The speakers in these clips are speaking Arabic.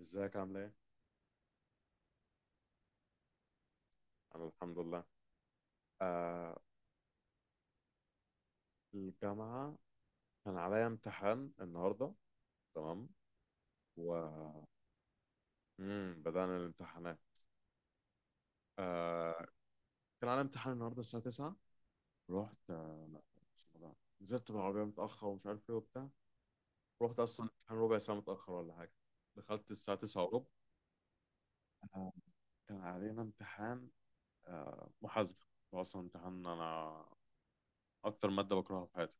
ازيك عامل ايه؟ انا الحمد لله. آه. الجامعة. كان عليا امتحان النهاردة. تمام. و مم. بدأنا الامتحانات. آه. كان عليا امتحان النهاردة الساعة 9. رحت اسمه ده، نزلت بالعربية متأخر ومش عارف ايه وبتاع. رحت أصلا امتحان ربع ساعة متأخر ولا حاجة. دخلت الساعة 9 وربع. آه. كان علينا امتحان محاسبة. هو أصلا امتحان، أنا أكتر مادة بكرهها في حياتي.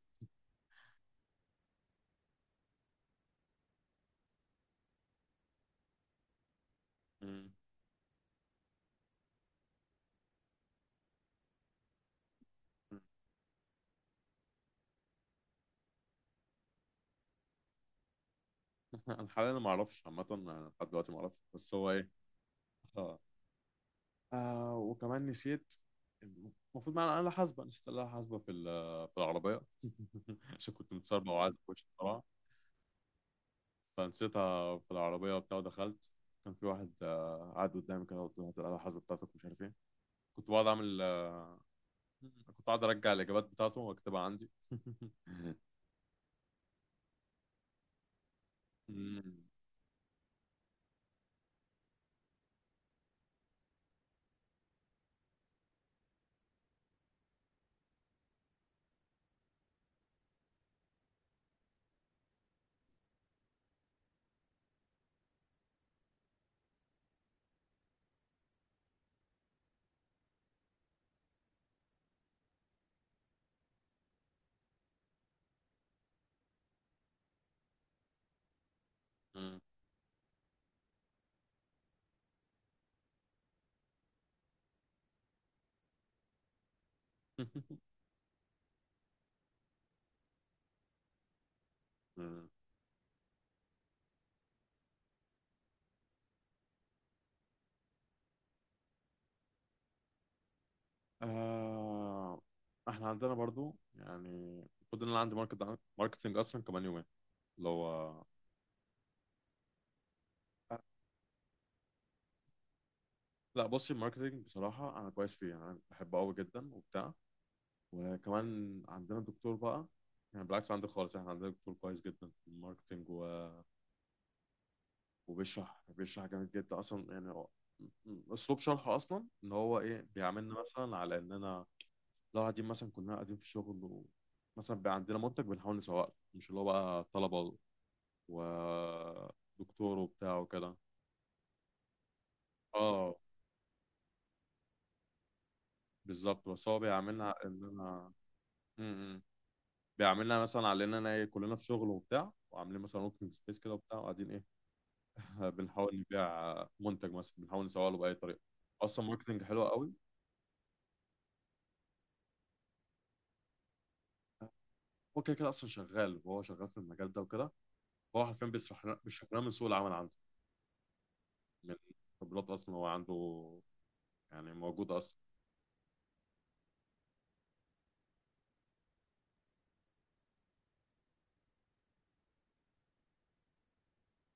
مم. انا حاليا ما اعرفش، عامه أنا لحد دلوقتي ما اعرفش بس هو ايه. اه. وكمان نسيت. المفروض معانا آلة حاسبة، نسيت الآلة الحاسبة في في العربية عشان كنت متسربع وعايز أخش بسرعة. فنسيتها في العربية وبتاع ودخلت. كان في واحد قاعد قدامي كده، قلت له هات الآلة الحاسبة بتاعتك ومش عارف إيه. كنت بقعد أعمل كنت قاعد أرجع الإجابات بتاعته وأكتبها عندي. مم. مم. مم. آه إحنا عندنا برضو يعني، المفروض إن أنا عندي ماركتنج أصلا كمان يومين، اللي هو. لا بصي، الماركتينج بصراحة أنا كويس فيه، يعني أنا بحبه أوي جدا وبتاع. وكمان عندنا دكتور بقى. يعني بالعكس، عندي خالص، احنا عندنا دكتور كويس جدا في الماركتينج. و... وبيشرح بيشرح جامد جدا أصلا. يعني أسلوب شرحه أصلا إن هو إيه بيعاملنا مثلا على إننا لو قاعدين، مثلا كنا قاعدين في شغل، و مثلا بقى عندنا منتج بنحاول نسوقه، مش اللي هو بقى طلبة ودكتور وبتاع وكده. اه بالظبط. بس هو بيعاملنا على إننا م- م. بيعملنا مثلا، علينا انا إيه، كلنا في شغل وبتاع وعاملين مثلا اوبن سبيس كده وبتاع وقاعدين ايه، بنحاول نبيع منتج مثلا بنحاول نسوق له باي طريقه. اصلا ماركتنج حلو قوي. هو كده كده اصلا شغال، وهو شغال في المجال ده وكده. فهو حرفيا بيشرح لنا من سوق العمل عنده، من خبرات اصلا هو عنده، يعني موجوده اصلا.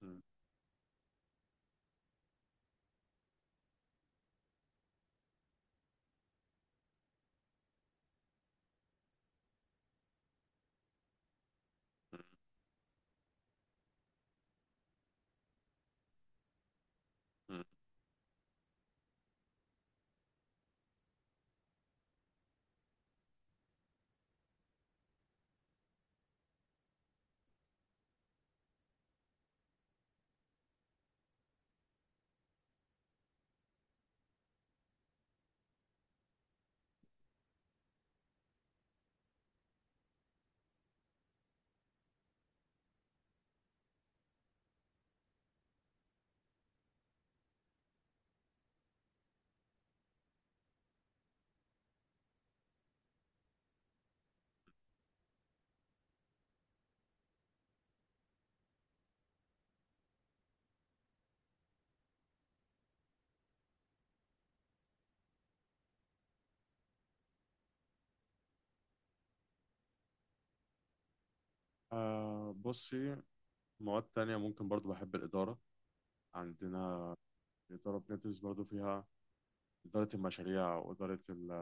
م- م- م. آه بصي، مواد تانية ممكن برضو بحب الإدارة. عندنا الإدارة بندرس برضو فيها إدارة المشاريع، وإدارة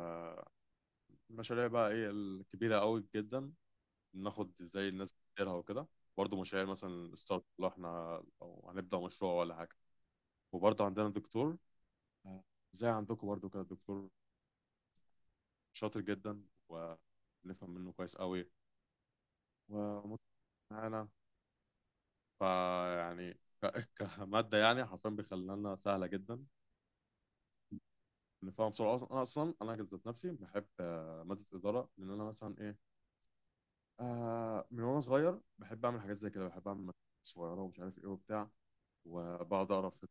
المشاريع بقى إيه الكبيرة أوي جدا. ناخد ازاي الناس بتديرها وكده، برضه مشاريع مثلا ستارت، لو احنا لو هنبدا مشروع ولا حاجه. وبرضه عندنا دكتور، آه، زي عندكم برضه كده دكتور شاطر جدا، ونفهم منه كويس قوي ومتعاون معانا. فيعني كماده يعني حرفيا بيخلينا سهله جدا، نفهم بسرعه. اصلا انا ذات نفسي بحب ماده الاداره، لان انا مثلا ايه، من وانا صغير بحب اعمل حاجات زي كده، بحب اعمل مشاريع صغيره ومش عارف ايه وبتاع، وبقعد اقرا في،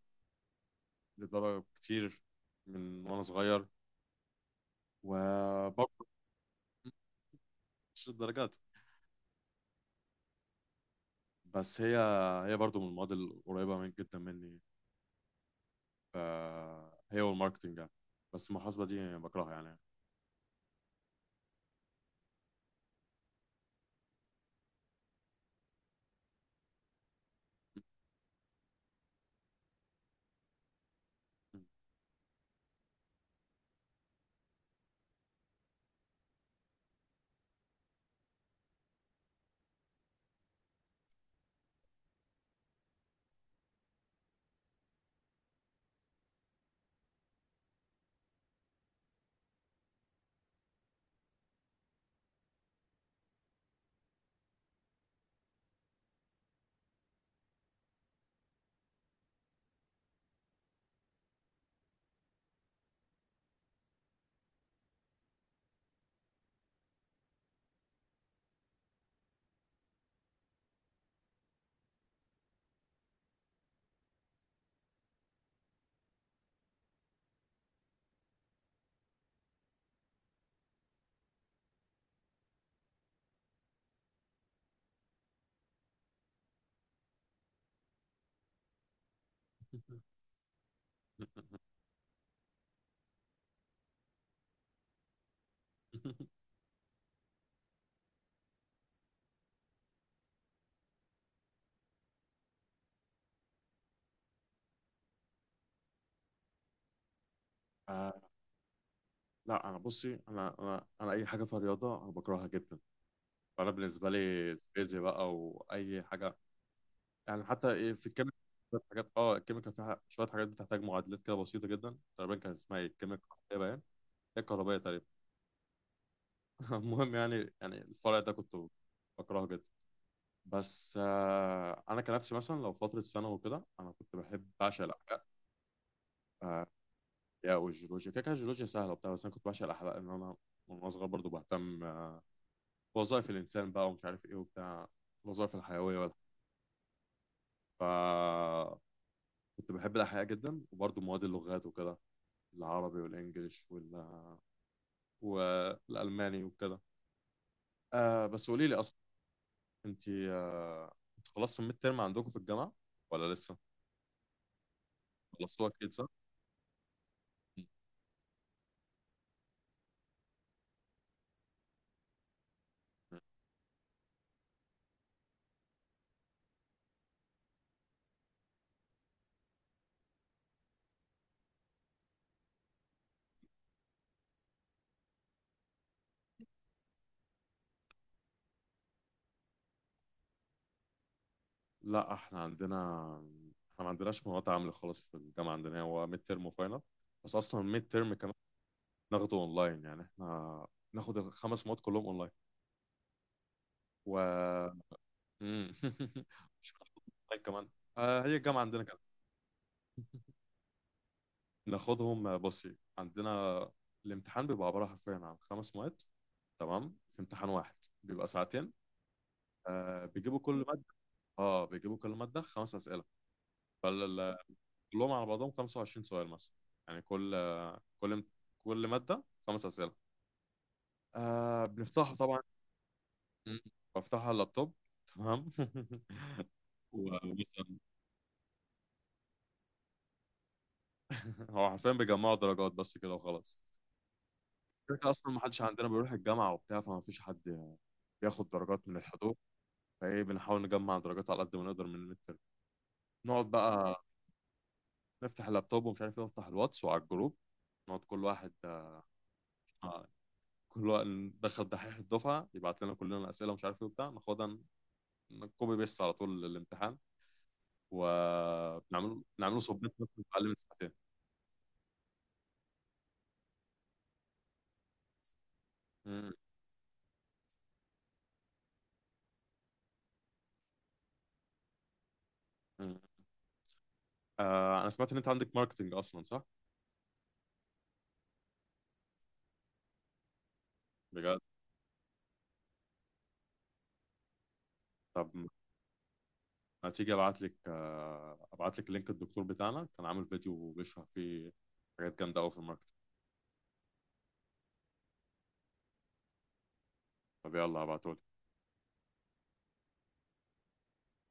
لدرجة كتير من وأنا صغير. وبرضه مش الدرجات بس، هي هي برضه من المواد القريبة من جدا مني، فهي والماركتينج يعني. بس المحاسبة دي بكرهها يعني. آه لا، أنا بصي، أنا أي حاجة في الرياضة أنا بكرهها جدا. فأنا بالنسبة لي الفيزياء بقى وأي حاجة، يعني حتى إيه في الكيمياء شوية حاجات. اه الكيمياء فيها شوية حاجات بتحتاج معادلات كده بسيطة جدا. تقريبا كان اسمها ايه، الكيمياء الكهربائية باين. هي الكهربائية تقريبا. المهم يعني، الفرع ده كنت بكرهه جدا. بس انا كنفسي مثلا لو فتره ثانوي وكده، انا كنت بحب، بعشق الاحياء. آه، الاحياء والجيولوجيا كده كده، الجيولوجيا سهله وبتاع، بس انا كنت بعشق الاحياء لان انا من وأنا صغير برضه بهتم بوظائف الانسان بقى ومش عارف ايه وبتاع، الوظائف الحيويه ولا. ف كنت بحب الاحياء جدا. وبرضه مواد اللغات وكده، العربي والانجليش وال والالماني وكده. آه بس قولي لي اصلا، انت خلصت الميد ترم عندكم في الجامعه ولا لسه؟ خلصتوها اكيد صح؟ مم. لا احنا ما عندناش مواد عامله خالص في الجامعه. عندنا هو ميد ترم وفاينل. بس اصلا الميد ترم كمان ناخده اونلاين، يعني احنا ناخد الخمس مواد كلهم اونلاين، و مم. مش بناخد اونلاين كمان. هي الجامعه عندنا كده. ناخدهم بصي عندنا، الامتحان بيبقى عباره حرفيا عن خمس مواد تمام في امتحان واحد، بيبقى ساعتين. بيجيبوا كل ماده، اه بيجيبوا كل ماده خمس اسئله، كلهم على بعضهم 25 سؤال مثلا. يعني كل كل مادة خمس أسئلة. بنفتحها طبعا. مم. بفتحها على اللابتوب. تمام. ومثلا هو حرفيا بيجمعوا درجات بس كده وخلاص. كده أصلا، ما حدش عندنا بيروح الجامعة وبتاع، فما فيش حد بياخد درجات من الحضور. فايه بنحاول نجمع درجات على قد ما نقدر من الميد تيرم. نقعد بقى نفتح اللابتوب ومش عارف ايه، نفتح الواتس وعلى الجروب، نقعد كل واحد، آه، كل واحد ندخل دحيح الدفعه يبعت لنا كلنا اسئله ومش عارف ايه وبتاع، ناخدها كوبي بيست على طول الامتحان. وبنعمله سبميت مثلا في اقل من ساعتين. مم. مم. انا سمعت ان انت عندك ماركتنج اصلا صح؟ بجد. طب ما تيجي ابعت لك لينك الدكتور بتاعنا، كان عامل فيديو بيشرح فيه حاجات جامده قوي في الماركتنج. طب يلا هبعته.